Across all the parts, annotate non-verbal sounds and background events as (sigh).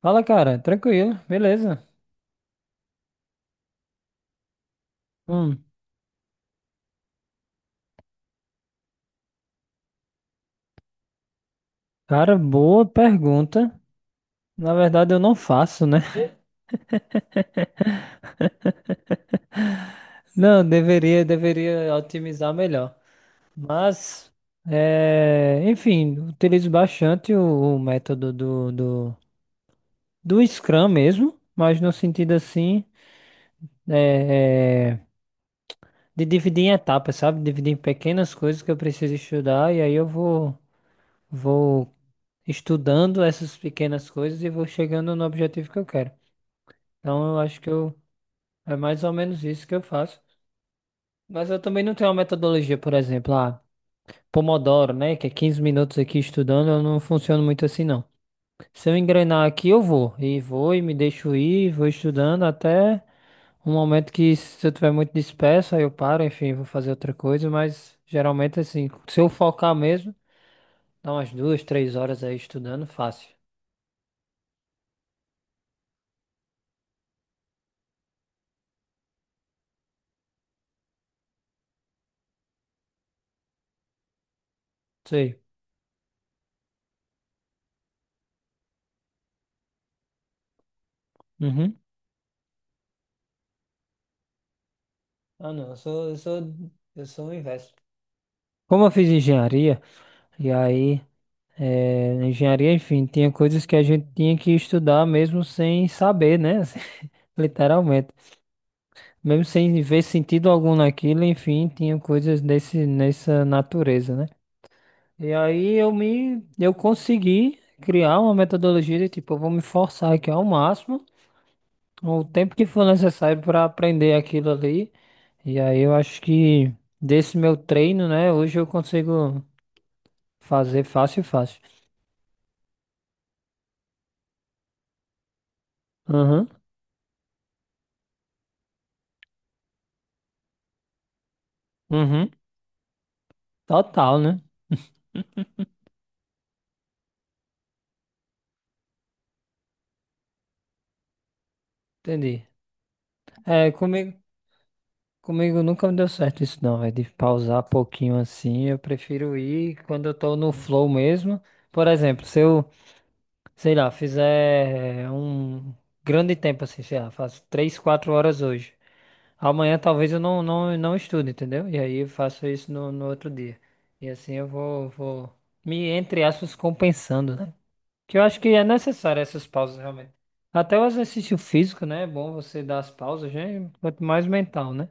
Fala, cara. Tranquilo, beleza. Hum, cara, boa pergunta. Na verdade, eu não faço, né? (laughs) Não, deveria, otimizar melhor. Mas, utilizo bastante o método do Scrum mesmo, mas no sentido assim, é, é, de dividir em etapas, sabe? Dividir em pequenas coisas que eu preciso estudar e aí eu vou. Vou estudando essas pequenas coisas e vou chegando no objetivo que eu quero. Então, eu acho que eu, é mais ou menos isso que eu faço. Mas eu também não tenho uma metodologia, por exemplo, Pomodoro, né? Que é 15 minutos aqui estudando, eu não funciono muito assim, não. Se eu engrenar aqui, eu vou. E vou e me deixo ir, vou estudando até um momento que, se eu tiver muito disperso, aí eu paro, enfim, vou fazer outra coisa. Mas geralmente, assim, se eu focar mesmo, dá umas duas, três horas aí estudando, fácil. Sei. Ah, não, eu sou o inverso. Como eu fiz engenharia, e aí, na engenharia, enfim, tinha coisas que a gente tinha que estudar mesmo sem saber, né? (laughs) Assim, literalmente. Mesmo sem ver sentido algum naquilo, enfim, tinha coisas desse, nessa natureza, né? Eu consegui criar uma metodologia de tipo, eu vou me forçar aqui ao máximo, o tempo que for necessário para aprender aquilo ali. E aí eu acho que desse meu treino, né, hoje eu consigo fazer fácil, fácil. Uhum, uhum, total, né? Entendi. É, comigo, comigo nunca me deu certo isso não, é de pausar pouquinho assim, eu prefiro ir quando eu tô no flow mesmo. Por exemplo, se eu, sei lá, fizer um grande tempo assim, sei lá, faço 3, 4 horas hoje. Amanhã talvez eu não estude, entendeu? E aí eu faço isso no outro dia. E assim vou me, entre aspas, compensando, né? Que eu acho que é necessário essas pausas realmente. Até o exercício físico, né? É bom você dar as pausas, né? Quanto mais mental, né?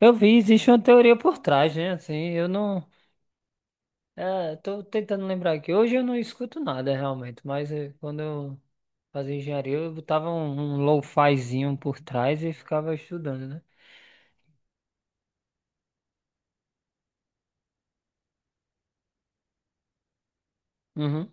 Eu vi, existe uma teoria por trás, né? Assim, eu não. É, tô tentando lembrar aqui. Hoje eu não escuto nada realmente, mas quando eu fazia engenharia, eu botava um lo-fizinho por trás e ficava estudando, né? Uhum.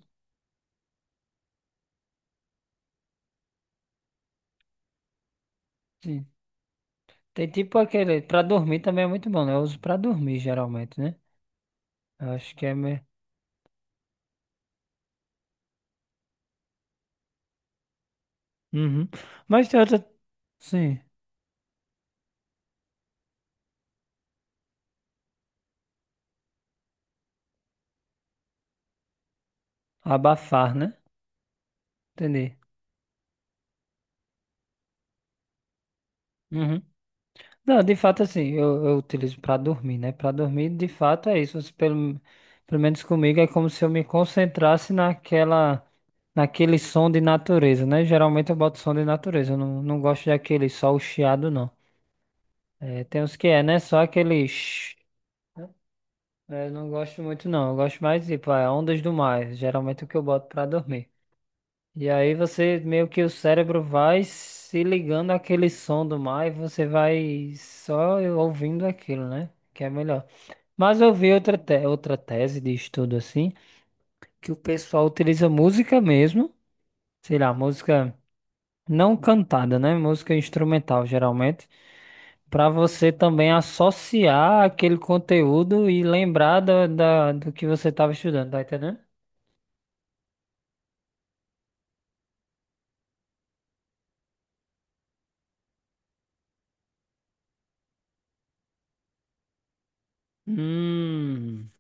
Tem tipo aquele. Pra dormir também é muito bom, né? Eu uso pra dormir geralmente, né? Eu acho que é meio. Uhum. Mas tem outra. Sim. Abafar, né? Entendi. Uhum. Não, de fato, assim, eu utilizo pra dormir, né? Pra dormir, de fato, é isso. Você Pelo, pelo menos comigo, é como se eu me concentrasse naquela. Naquele som de natureza, né? Geralmente eu boto som de natureza. Eu não gosto daquele só o chiado, não. É, tem uns que é, né? Só aquele. É, eu não gosto muito não, eu gosto mais de tipo, é, ondas do mar, geralmente é o que eu boto pra dormir. E aí você, meio que o cérebro vai se ligando àquele som do mar e você vai só ouvindo aquilo, né? Que é melhor. Mas eu vi outra tese de estudo assim, que o pessoal utiliza música mesmo, sei lá, música não cantada, né? Música instrumental geralmente, pra você também associar aquele conteúdo e lembrar do que você estava estudando, tá entendendo? Hum,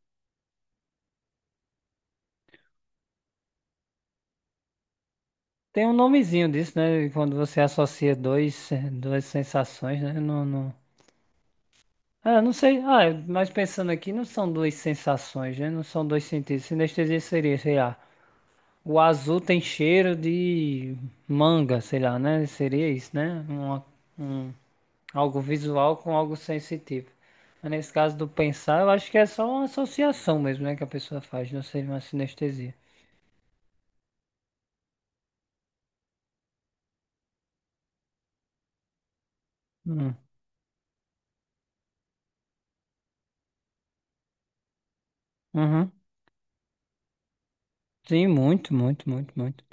tem um nomezinho disso, né? Quando você associa duas sensações, né? Não, não... Ah, não sei. Ah, mas pensando aqui, não são duas sensações, né? Não são dois sentidos. Sinestesia seria, sei lá, o azul tem cheiro de manga, sei lá, né? Seria isso, né? Um, algo visual com algo sensitivo. Mas nesse caso do pensar, eu acho que é só uma associação mesmo, né? Que a pessoa faz, não seria uma sinestesia. Hum. Uhum. Sim, muito, muito, muito, muito.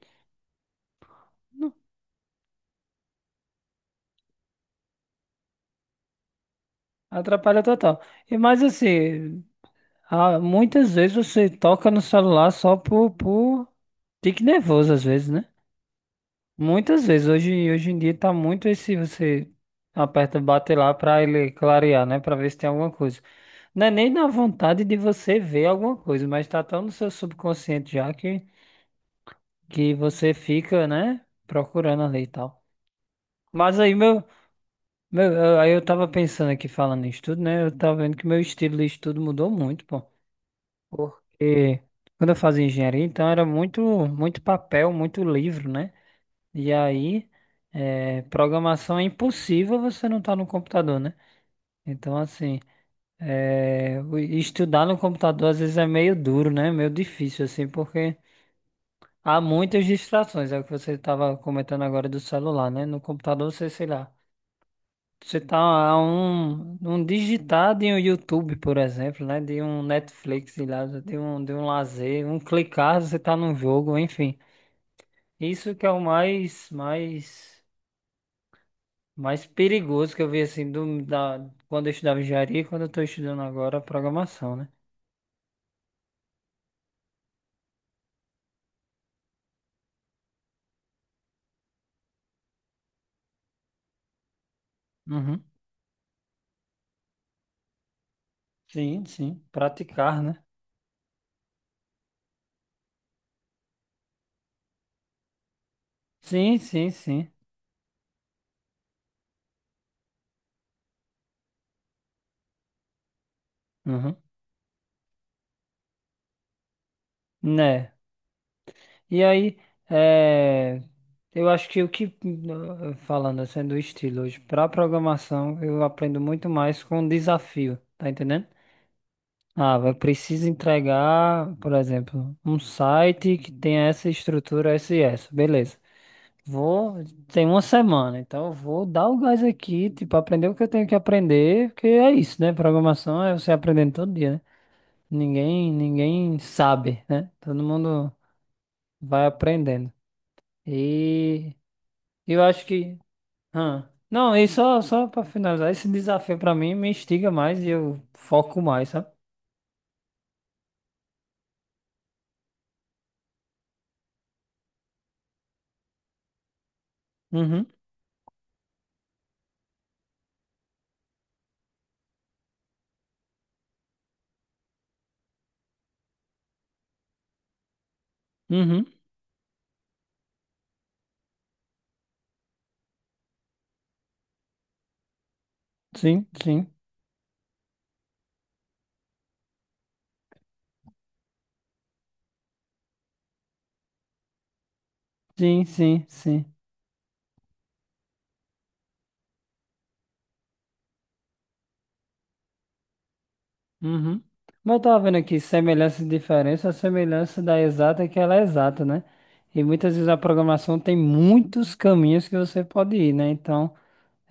Atrapalha total. E mais assim, ah, muitas vezes você toca no celular só por tique nervoso, às vezes, né? Muitas vezes. Hoje em dia tá muito esse você aperta, bate lá pra ele clarear, né? Pra ver se tem alguma coisa. Não é nem na vontade de você ver alguma coisa, mas tá tão no seu subconsciente que você fica, né? Procurando ali e tal. Mas aí meu, aí eu tava pensando aqui falando em estudo, né? Eu tava vendo que meu estilo de estudo mudou muito, pô. Porque quando eu fazia engenharia, então era muito, muito papel, muito livro, né? E aí, programação é impossível você não estar no computador, né? Então, assim, estudar no computador às vezes é meio duro, né? Meio difícil, assim, porque há muitas distrações. É o que você estava comentando agora do celular, né? No computador você, sei lá. Você tá a um digitar de um YouTube, por exemplo, né? De um Netflix, sei lá, de um lazer, um clicar, você tá num jogo, enfim. Isso que é o mais perigoso que eu vi, assim, quando eu estudava engenharia e quando eu tô estudando agora programação, né? Uhum. Sim, sim. Praticar, né? Sim, sim, sim. Uhum. Né? E aí, é, eu acho que, falando assim do estilo hoje, para programação, eu aprendo muito mais com desafio, tá entendendo? Ah, vai precisa entregar, por exemplo, um site que tenha essa estrutura, essa e essa, beleza. Vou, tem uma semana, então eu vou dar o gás aqui, tipo, aprender o que eu tenho que aprender, porque é isso, né? Programação é você aprendendo todo dia, né? Ninguém, ninguém sabe, né? Todo mundo vai aprendendo. E eu acho que. Hã. Não, e só pra finalizar, esse desafio pra mim me instiga mais e eu foco mais, sabe? Uhum, uhum. Sim, sim. Sim, sim, sim. Uhum. Mas eu tava vendo aqui semelhança e diferença, a semelhança da exata é que ela é exata, né? E muitas vezes a programação tem muitos caminhos que você pode ir, né? Então.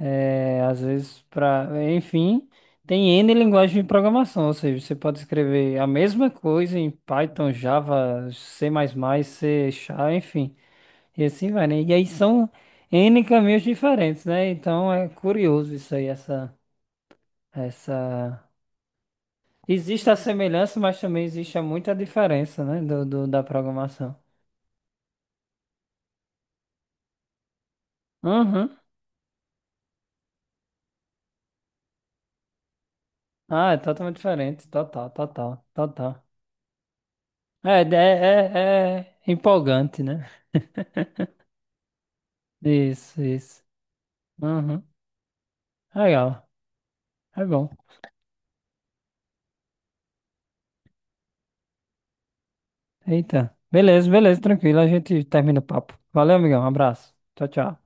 É, às vezes para, enfim, tem N linguagem de programação, ou seja, você pode escrever a mesma coisa em Python, Java, C++, C Sharp, enfim, e assim vai, né? E aí são N caminhos diferentes, né? Então é curioso isso aí, essa... Existe a semelhança, mas também existe muita diferença, né, da programação. Uhum. Ah, é totalmente diferente, total, total, total. É, é, é é empolgante, né? Isso, isso. Uhum. Legal. É bom. Eita. Beleza, beleza, tranquilo. A gente termina o papo. Valeu, amigão. Um abraço. Tchau, tchau.